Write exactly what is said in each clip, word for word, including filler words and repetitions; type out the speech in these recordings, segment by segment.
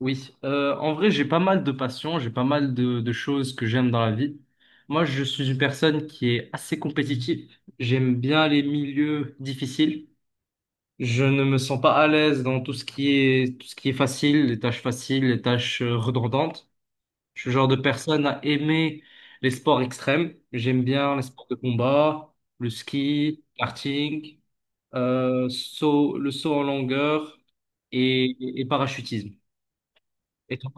Oui, Euh, en vrai, j'ai pas mal de passions, j'ai pas mal de, de choses que j'aime dans la vie. Moi, je suis une personne qui est assez compétitive. J'aime bien les milieux difficiles. Je ne me sens pas à l'aise dans tout ce qui est, tout ce qui est facile, les tâches faciles, les tâches euh, redondantes. Je suis le genre de personne à aimer les sports extrêmes. J'aime bien les sports de combat, le ski, karting, euh, saut, le saut en longueur et, et, et parachutisme. Et toi?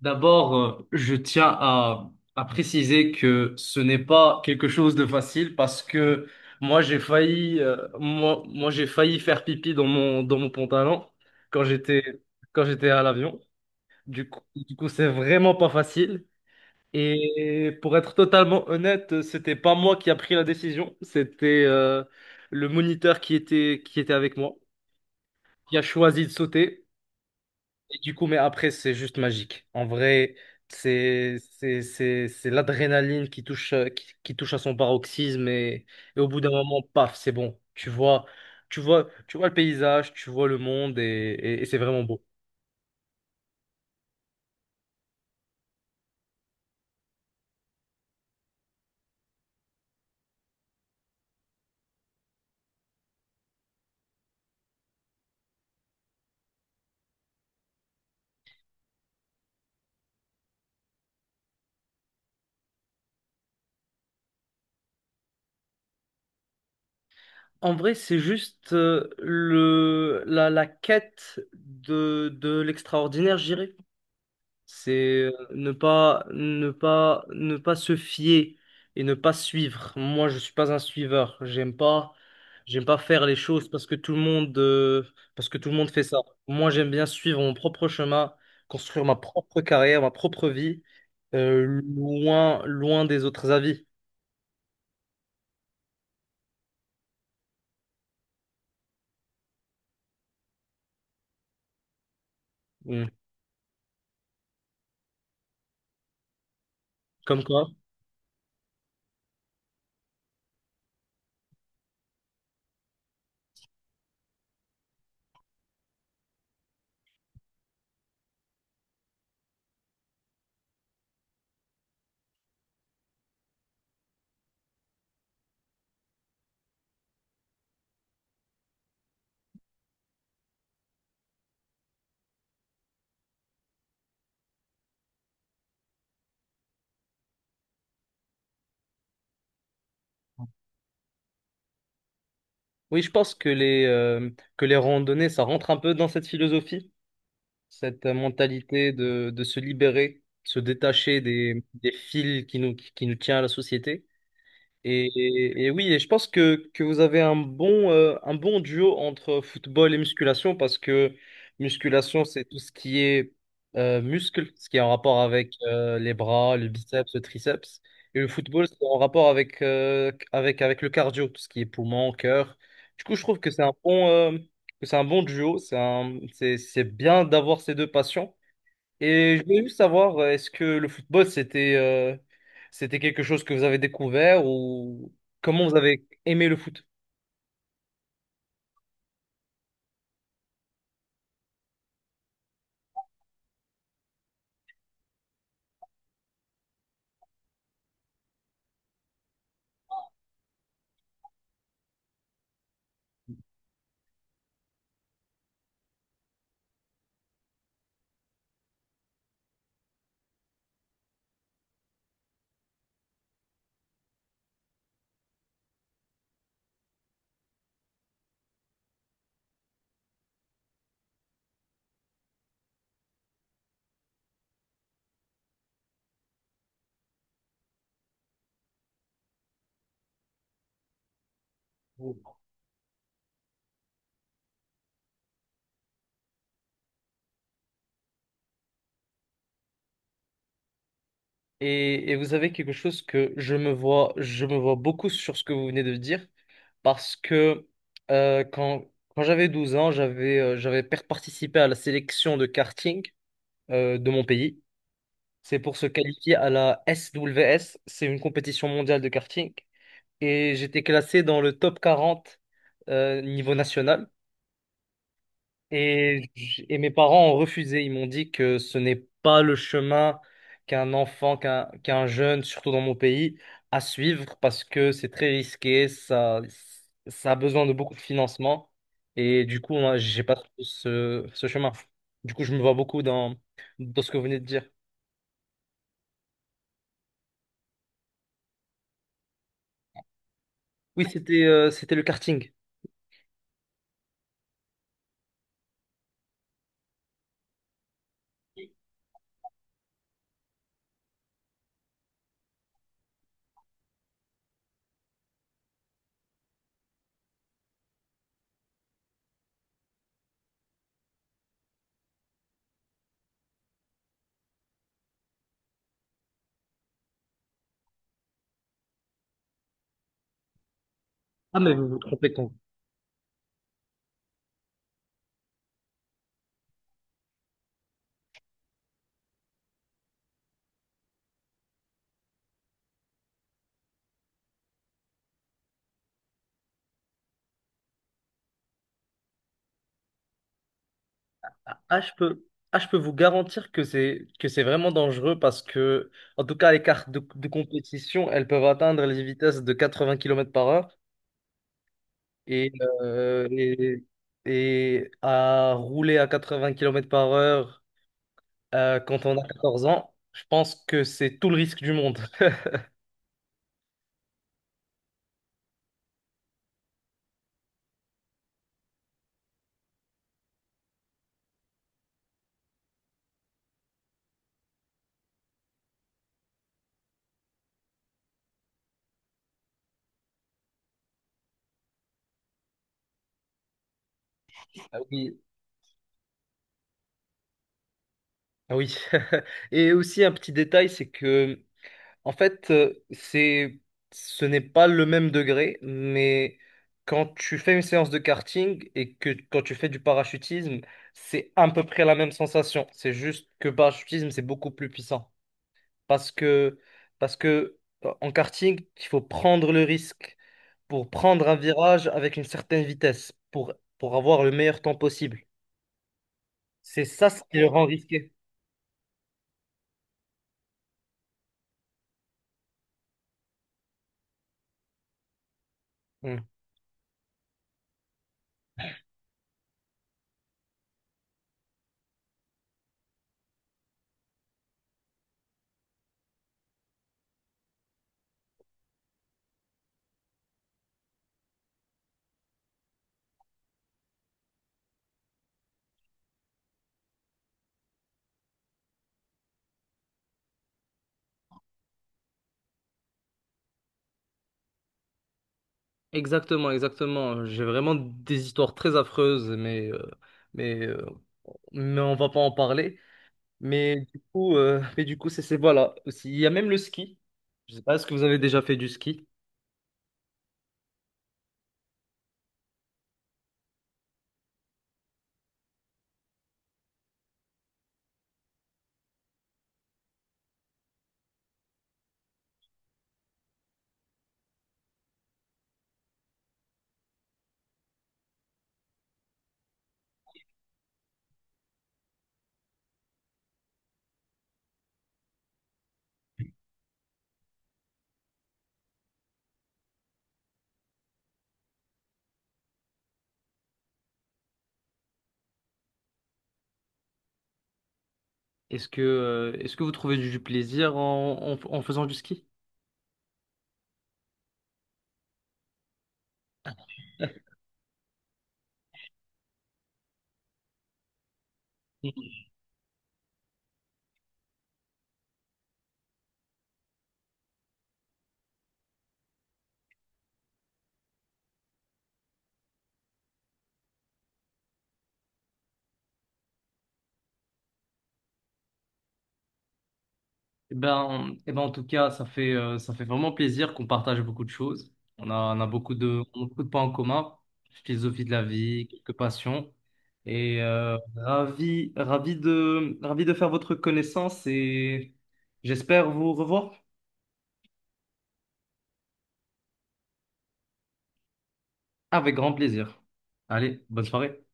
D'abord, euh, je tiens à, à préciser que ce n'est pas quelque chose de facile, parce que moi j'ai failli euh, moi, moi j'ai failli faire pipi dans mon dans mon pantalon quand j'étais quand j'étais à l'avion. Du coup, du coup, c'est vraiment pas facile. Et pour être totalement honnête, c'était pas moi qui a pris la décision, c'était euh, le moniteur qui était qui était avec moi qui a choisi de sauter. Et du coup, mais après, c'est juste magique. En vrai, c'est c'est c'est c'est l'adrénaline qui touche euh, qui, qui touche à son paroxysme et, et au bout d'un moment, paf, c'est bon. Tu vois, tu vois, tu vois le paysage, tu vois le monde et, et- et c'est vraiment beau. En vrai, c'est juste euh, le la, la quête de de l'extraordinaire, je dirais. C'est euh, ne pas, ne pas, ne pas se fier et ne pas suivre. Moi, je suis pas un suiveur. J'aime pas, j'aime pas faire les choses parce que tout le monde, euh, parce que tout le monde fait ça. Moi, j'aime bien suivre mon propre chemin, construire ma propre carrière, ma propre vie, euh, loin, loin des autres avis. Mm. Comme quoi? Oui, je pense que les, euh, que les randonnées, ça rentre un peu dans cette philosophie. Cette euh, mentalité de, de se libérer, se détacher des, des fils qui nous, qui nous tient à la société. Et, et- et oui, et je pense que, que vous avez un bon, euh, un bon duo entre football et musculation, parce que musculation, c'est tout ce qui est euh, muscle, ce qui est en rapport avec euh, les bras, le biceps, le triceps. Et le football, c'est en rapport avec, euh, avec, avec le cardio, tout ce qui est poumon, cœur. Du coup, je trouve que c'est un bon, euh, que c'est un bon duo. C'est un, c'est, c'est bien d'avoir ces deux passions. Et je voulais juste savoir, euh, est-ce que le football, c'était euh, c'était quelque chose que vous avez découvert, ou comment vous avez aimé le foot? Et, et vous avez quelque chose, que je me vois, je me vois beaucoup sur ce que vous venez de dire, parce que euh, quand, quand j'avais douze ans, j'avais euh, j'avais per- participé à la sélection de karting euh, de mon pays. C'est pour se qualifier à la S W S, c'est une compétition mondiale de karting. Et j'étais classé dans le top quarante euh, niveau national. Et, j- et mes parents ont refusé. Ils m'ont dit que ce n'est pas le chemin qu'un enfant, qu'un qu'un jeune, surtout dans mon pays, à suivre, parce que c'est très risqué, ça, ça a besoin de beaucoup de financement. Et du coup, moi, j'ai pas trouvé ce, ce chemin. Du coup, je me vois beaucoup dans, dans ce que vous venez de dire. Oui, c'était euh, c'était le karting. Ah, mais vous vous trompez. Ah, je peux, ah, je peux vous garantir que c'est que c'est vraiment dangereux parce que, en tout cas, les cartes de, de compétition, elles peuvent atteindre les vitesses de quatre-vingts kilomètres par heure et, euh, et, et à rouler à quatre-vingts kilomètres par heure euh, quand on a quatorze ans, je pense que c'est tout le risque du monde. Ah oui, ah oui. Et aussi un petit détail, c'est que en fait, euh, c'est, ce n'est pas le même degré, mais quand tu fais une séance de karting et que quand tu fais du parachutisme, c'est à peu près la même sensation. C'est juste que parachutisme, c'est beaucoup plus puissant. Parce que, parce que euh, en karting, il faut prendre le risque pour prendre un virage avec une certaine vitesse, pour, pour avoir le meilleur temps possible. C'est ça ce qui le rend risqué. Mm. Exactement, exactement. J'ai vraiment des histoires très affreuses, mais, euh, mais, euh, mais on va pas en parler. Mais du coup, euh, mais du coup, c'est c'est- voilà. Aussi, il y a même le ski. Je sais pas, est-ce que vous avez déjà fait du ski? Est-ce que, euh, est-ce que vous trouvez du, du plaisir en, en, en faisant du ski? Eh ben, eh ben, en tout cas, ça fait, euh, ça fait vraiment plaisir qu'on partage beaucoup de choses. On a, on a beaucoup de, on a beaucoup de points en commun, philosophie de la vie, quelques passions. Et euh, ravi, ravi de, ravi de faire votre connaissance, et j'espère vous revoir avec grand plaisir. Allez, bonne soirée.